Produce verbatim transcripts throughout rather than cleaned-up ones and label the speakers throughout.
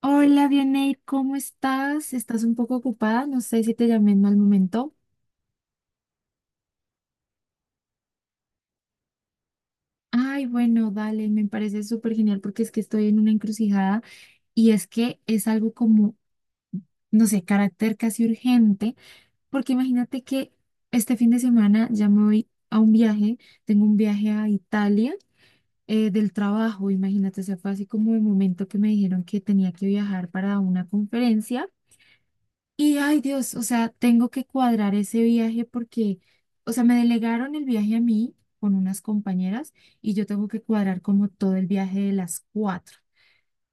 Speaker 1: Hola, Vianey, ¿cómo estás? ¿Estás un poco ocupada? No sé si te llamé en mal momento. Ay, bueno, dale, me parece súper genial porque es que estoy en una encrucijada y es que es algo como, no sé, carácter casi urgente, porque imagínate que este fin de semana ya me voy a un viaje, tengo un viaje a Italia eh, del trabajo. Imagínate, o sea, fue así como el momento que me dijeron que tenía que viajar para una conferencia. Y ay Dios, o sea, tengo que cuadrar ese viaje porque, o sea, me delegaron el viaje a mí con unas compañeras y yo tengo que cuadrar como todo el viaje de las cuatro.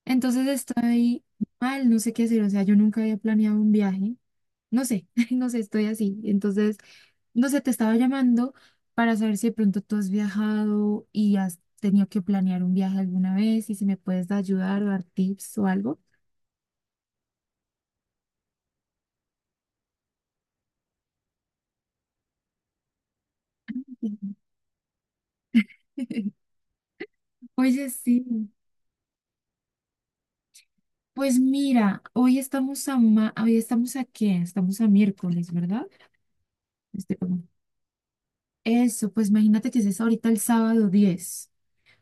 Speaker 1: Entonces estoy mal, no sé qué hacer, o sea, yo nunca había planeado un viaje, no sé, no sé, estoy así. Entonces, no sé, te estaba llamando para saber si de pronto tú has viajado y has tenido que planear un viaje alguna vez y si me puedes ayudar o dar tips o algo. Oye, sí. Pues mira, hoy estamos a ma- hoy estamos a qué? Estamos a miércoles, ¿verdad? Este, como- eso, pues imagínate que es ahorita el sábado diez.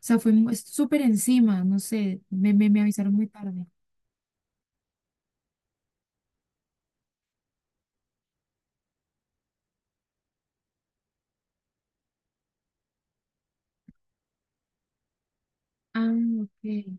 Speaker 1: O sea, fue mu- es súper encima, no sé, me, me, me avisaron muy tarde. Ah, ok.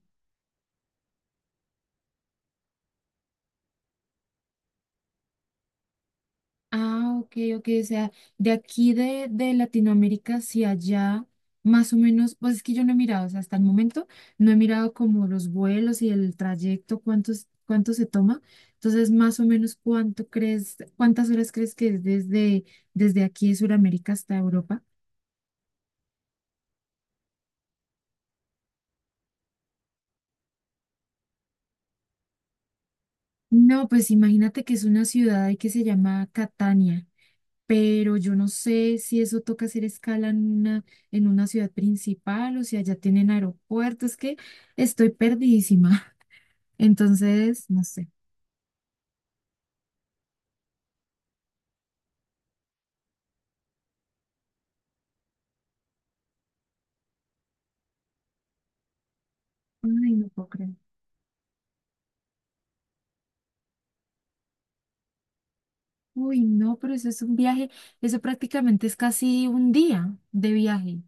Speaker 1: Ah, ok, ok, o sea, de aquí de, de Latinoamérica hacia allá, más o menos, pues es que yo no he mirado, o sea, hasta el momento no he mirado como los vuelos y el trayecto, cuántos, cuánto se toma. Entonces, más o menos, ¿cuánto crees, cuántas horas crees que es desde, desde aquí de Sudamérica hasta Europa? No, pues imagínate que es una ciudad ahí que se llama Catania. Pero yo no sé si eso toca hacer escala en una, en una ciudad principal o si allá tienen aeropuertos, es que estoy perdidísima. Entonces, no sé. Ay, no puedo creer. Uy, no, pero eso es un viaje, eso prácticamente es casi un día de viaje.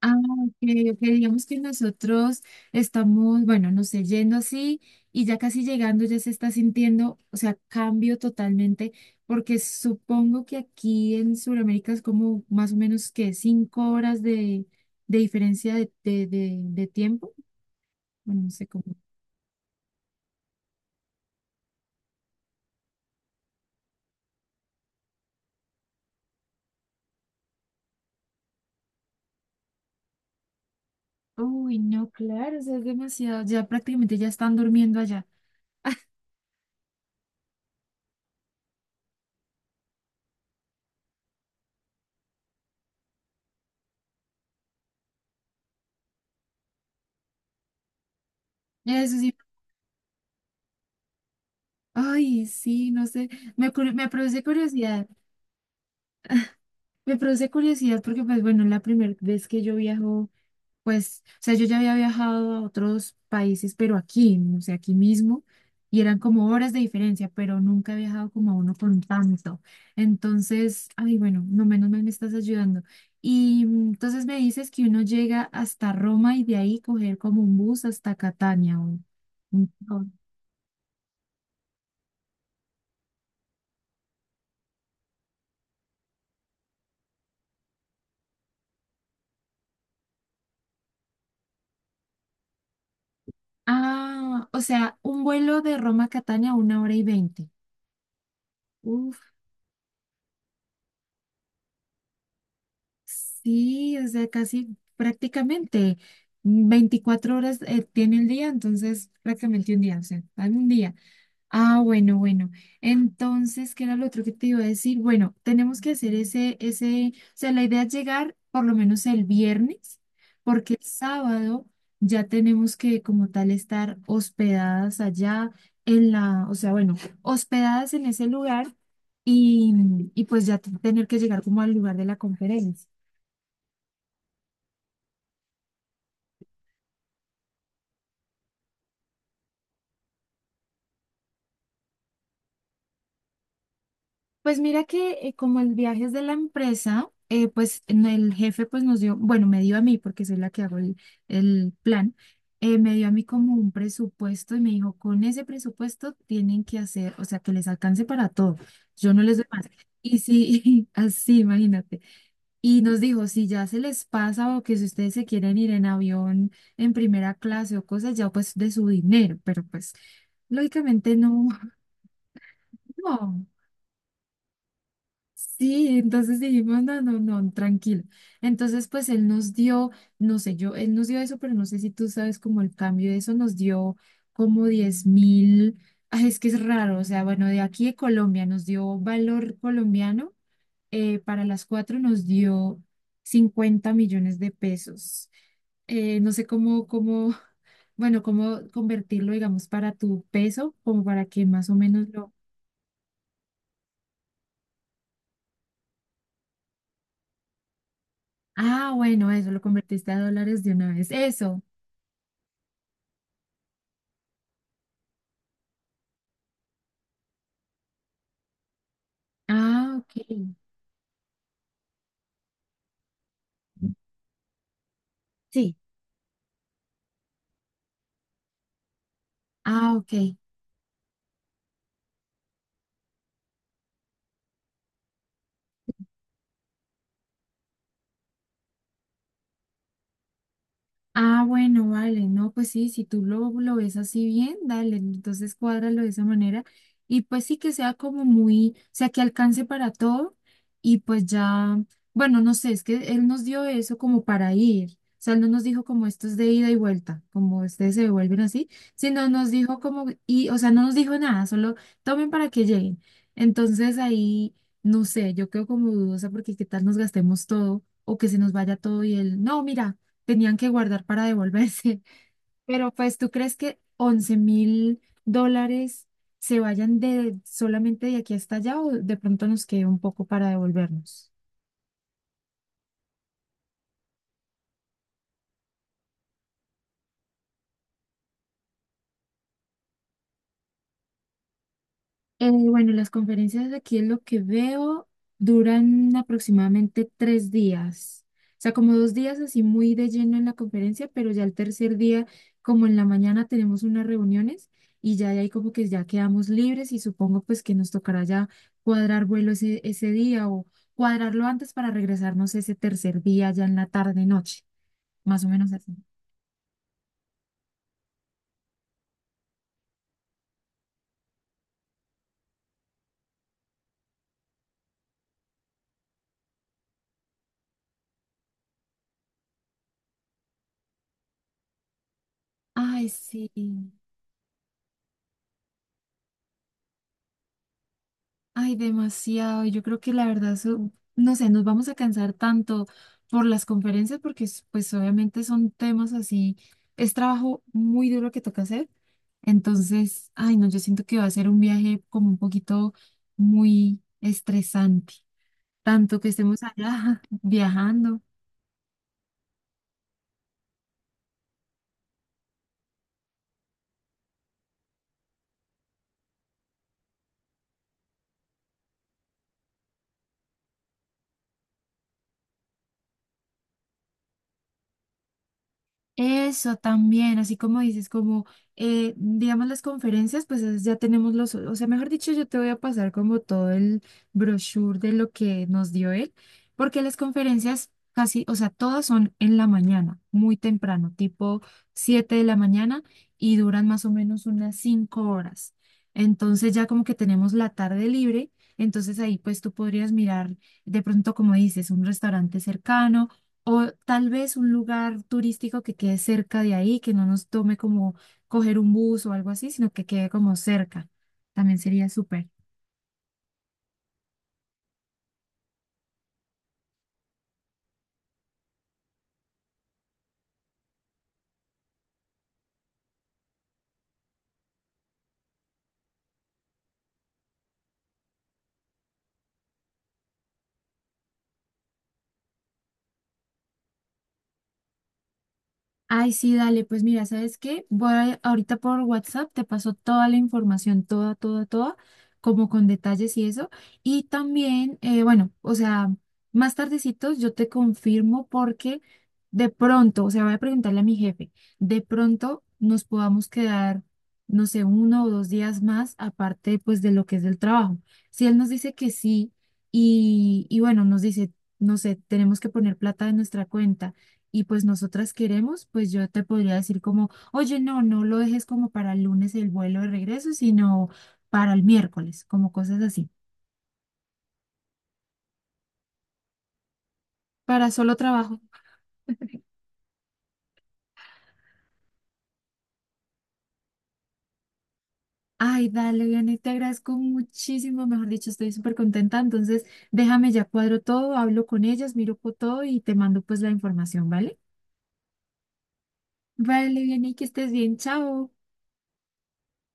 Speaker 1: Ah, ok, ok. Digamos que nosotros estamos, bueno, no sé, yendo así y ya casi llegando ya se está sintiendo, o sea, cambio totalmente, porque supongo que aquí en Sudamérica es como más o menos que cinco horas de, de diferencia de, de, de, de tiempo. Bueno, no sé cómo. Uy, no, claro, o sea, es demasiado. Ya prácticamente ya están durmiendo allá. Eso sí. Ay, sí, no sé. Me, curi- me produce curiosidad. Me produce curiosidad porque, pues bueno, la primera vez que yo viajo, pues, o sea, yo ya había viajado a otros países, pero aquí, ¿no? O sea, aquí mismo, y eran como horas de diferencia, pero nunca he viajado como a uno con tanto. Entonces, ay, bueno, no menos mal me estás ayudando. Y mm, entonces me dices que uno llega hasta Roma y de ahí coger como un bus hasta Catania. O, un- o- ah, o sea, un vuelo de Roma a Catania, una hora y veinte. Sí, o sea, casi prácticamente veinticuatro horas eh, tiene el día, entonces prácticamente un día, o sea, dame un día. Ah, bueno, bueno. Entonces, ¿qué era lo otro que te iba a decir? Bueno, tenemos que hacer ese, ese, o sea, la idea es llegar por lo menos el viernes, porque el sábado ya tenemos que como tal estar hospedadas allá en la, o sea, bueno, hospedadas en ese lugar y, y pues ya tener que llegar como al lugar de la conferencia. Pues mira que eh, como el viaje es de la empresa, eh, pues en el jefe pues nos dio, bueno, me dio a mí, porque soy la que hago el, el plan, eh, me dio a mí como un presupuesto y me dijo, con ese presupuesto tienen que hacer, o sea, que les alcance para todo. Yo no les doy más. Y sí, así, imagínate. Y nos dijo, si ya se les pasa o que si ustedes se quieren ir en avión en primera clase o cosas, ya pues de su dinero, pero pues lógicamente no, no. Sí, entonces dijimos, no, no, no, tranquilo. Entonces, pues él nos dio, no sé, yo, él nos dio eso, pero no sé si tú sabes como el cambio de eso, nos dio como diez mil, ay, es que es raro, o sea, bueno, de aquí de Colombia nos dio valor colombiano, eh, para las cuatro nos dio cincuenta millones de pesos. Eh, no sé cómo, cómo, bueno, cómo convertirlo, digamos, para tu peso, como para que más o menos lo... Ah, bueno, eso, lo convertiste a dólares de una vez. Eso. Ah, ok. Sí. Ah, ok. Ah, bueno, vale, no, pues sí, si tú lo, lo ves así bien, dale, entonces cuádralo de esa manera y pues sí que sea como muy, o sea, que alcance para todo y pues ya, bueno, no sé, es que él nos dio eso como para ir, o sea, él no nos dijo como esto es de ida y vuelta, como ustedes se devuelven así, sino nos dijo como, y, o sea, no nos dijo nada, solo tomen para que lleguen. Entonces ahí, no sé, yo quedo como dudosa porque qué tal nos gastemos todo o que se nos vaya todo y él, no, mira tenían que guardar para devolverse. Pero pues, ¿tú crees que once mil dólares se vayan de solamente de aquí hasta allá o de pronto nos quede un poco para devolvernos? Eh, bueno, las conferencias aquí es lo que veo, duran aproximadamente tres días. O sea, como dos días así muy de lleno en la conferencia, pero ya el tercer día, como en la mañana tenemos unas reuniones y ya de ahí como que ya quedamos libres y supongo pues que nos tocará ya cuadrar vuelo ese, ese día o cuadrarlo antes para regresarnos ese tercer día ya en la tarde, noche, más o menos así. Ay, sí. Ay, demasiado. Yo creo que la verdad, eso- no sé, nos vamos a cansar tanto por las conferencias porque es- pues obviamente son temas así, es trabajo muy duro que toca hacer. Entonces, ay, no, yo siento que va a ser un viaje como un poquito muy estresante, tanto que estemos allá viajando. Eso también, así como dices, como eh, digamos las conferencias, pues es- ya tenemos los, o sea, mejor dicho, yo te voy a pasar como todo el brochure de lo que nos dio él, porque las conferencias casi, o sea, todas son en la mañana, muy temprano, tipo siete de la mañana y duran más o menos unas cinco horas. Entonces ya como que tenemos la tarde libre, entonces ahí pues tú podrías mirar de pronto, como dices, un restaurante cercano o tal vez un lugar turístico que quede cerca de ahí, que no nos tome como coger un bus o algo así, sino que quede como cerca. También sería súper. Ay, sí, dale, pues mira, ¿sabes qué? Voy a- ahorita por WhatsApp, te paso toda la información, toda, toda, toda, como con detalles y eso. Y también, eh, bueno, o sea, más tardecito yo te confirmo porque de pronto, o sea, voy a preguntarle a mi jefe, de pronto nos podamos quedar, no sé, uno o dos días más, aparte pues de lo que es del trabajo. Si él nos dice que sí y, y bueno, nos dice, no sé, tenemos que poner plata en nuestra cuenta y pues nosotras queremos, pues yo te podría decir como, oye, no, no lo dejes como para el lunes el vuelo de regreso, sino para el miércoles, como cosas así, para solo trabajo. Ay, dale, Vianney, te agradezco muchísimo, mejor dicho, estoy súper contenta, entonces déjame ya cuadro todo, hablo con ellas, miro co- todo y te mando pues la información, ¿vale? Vale, Vianney, que estés bien, chao.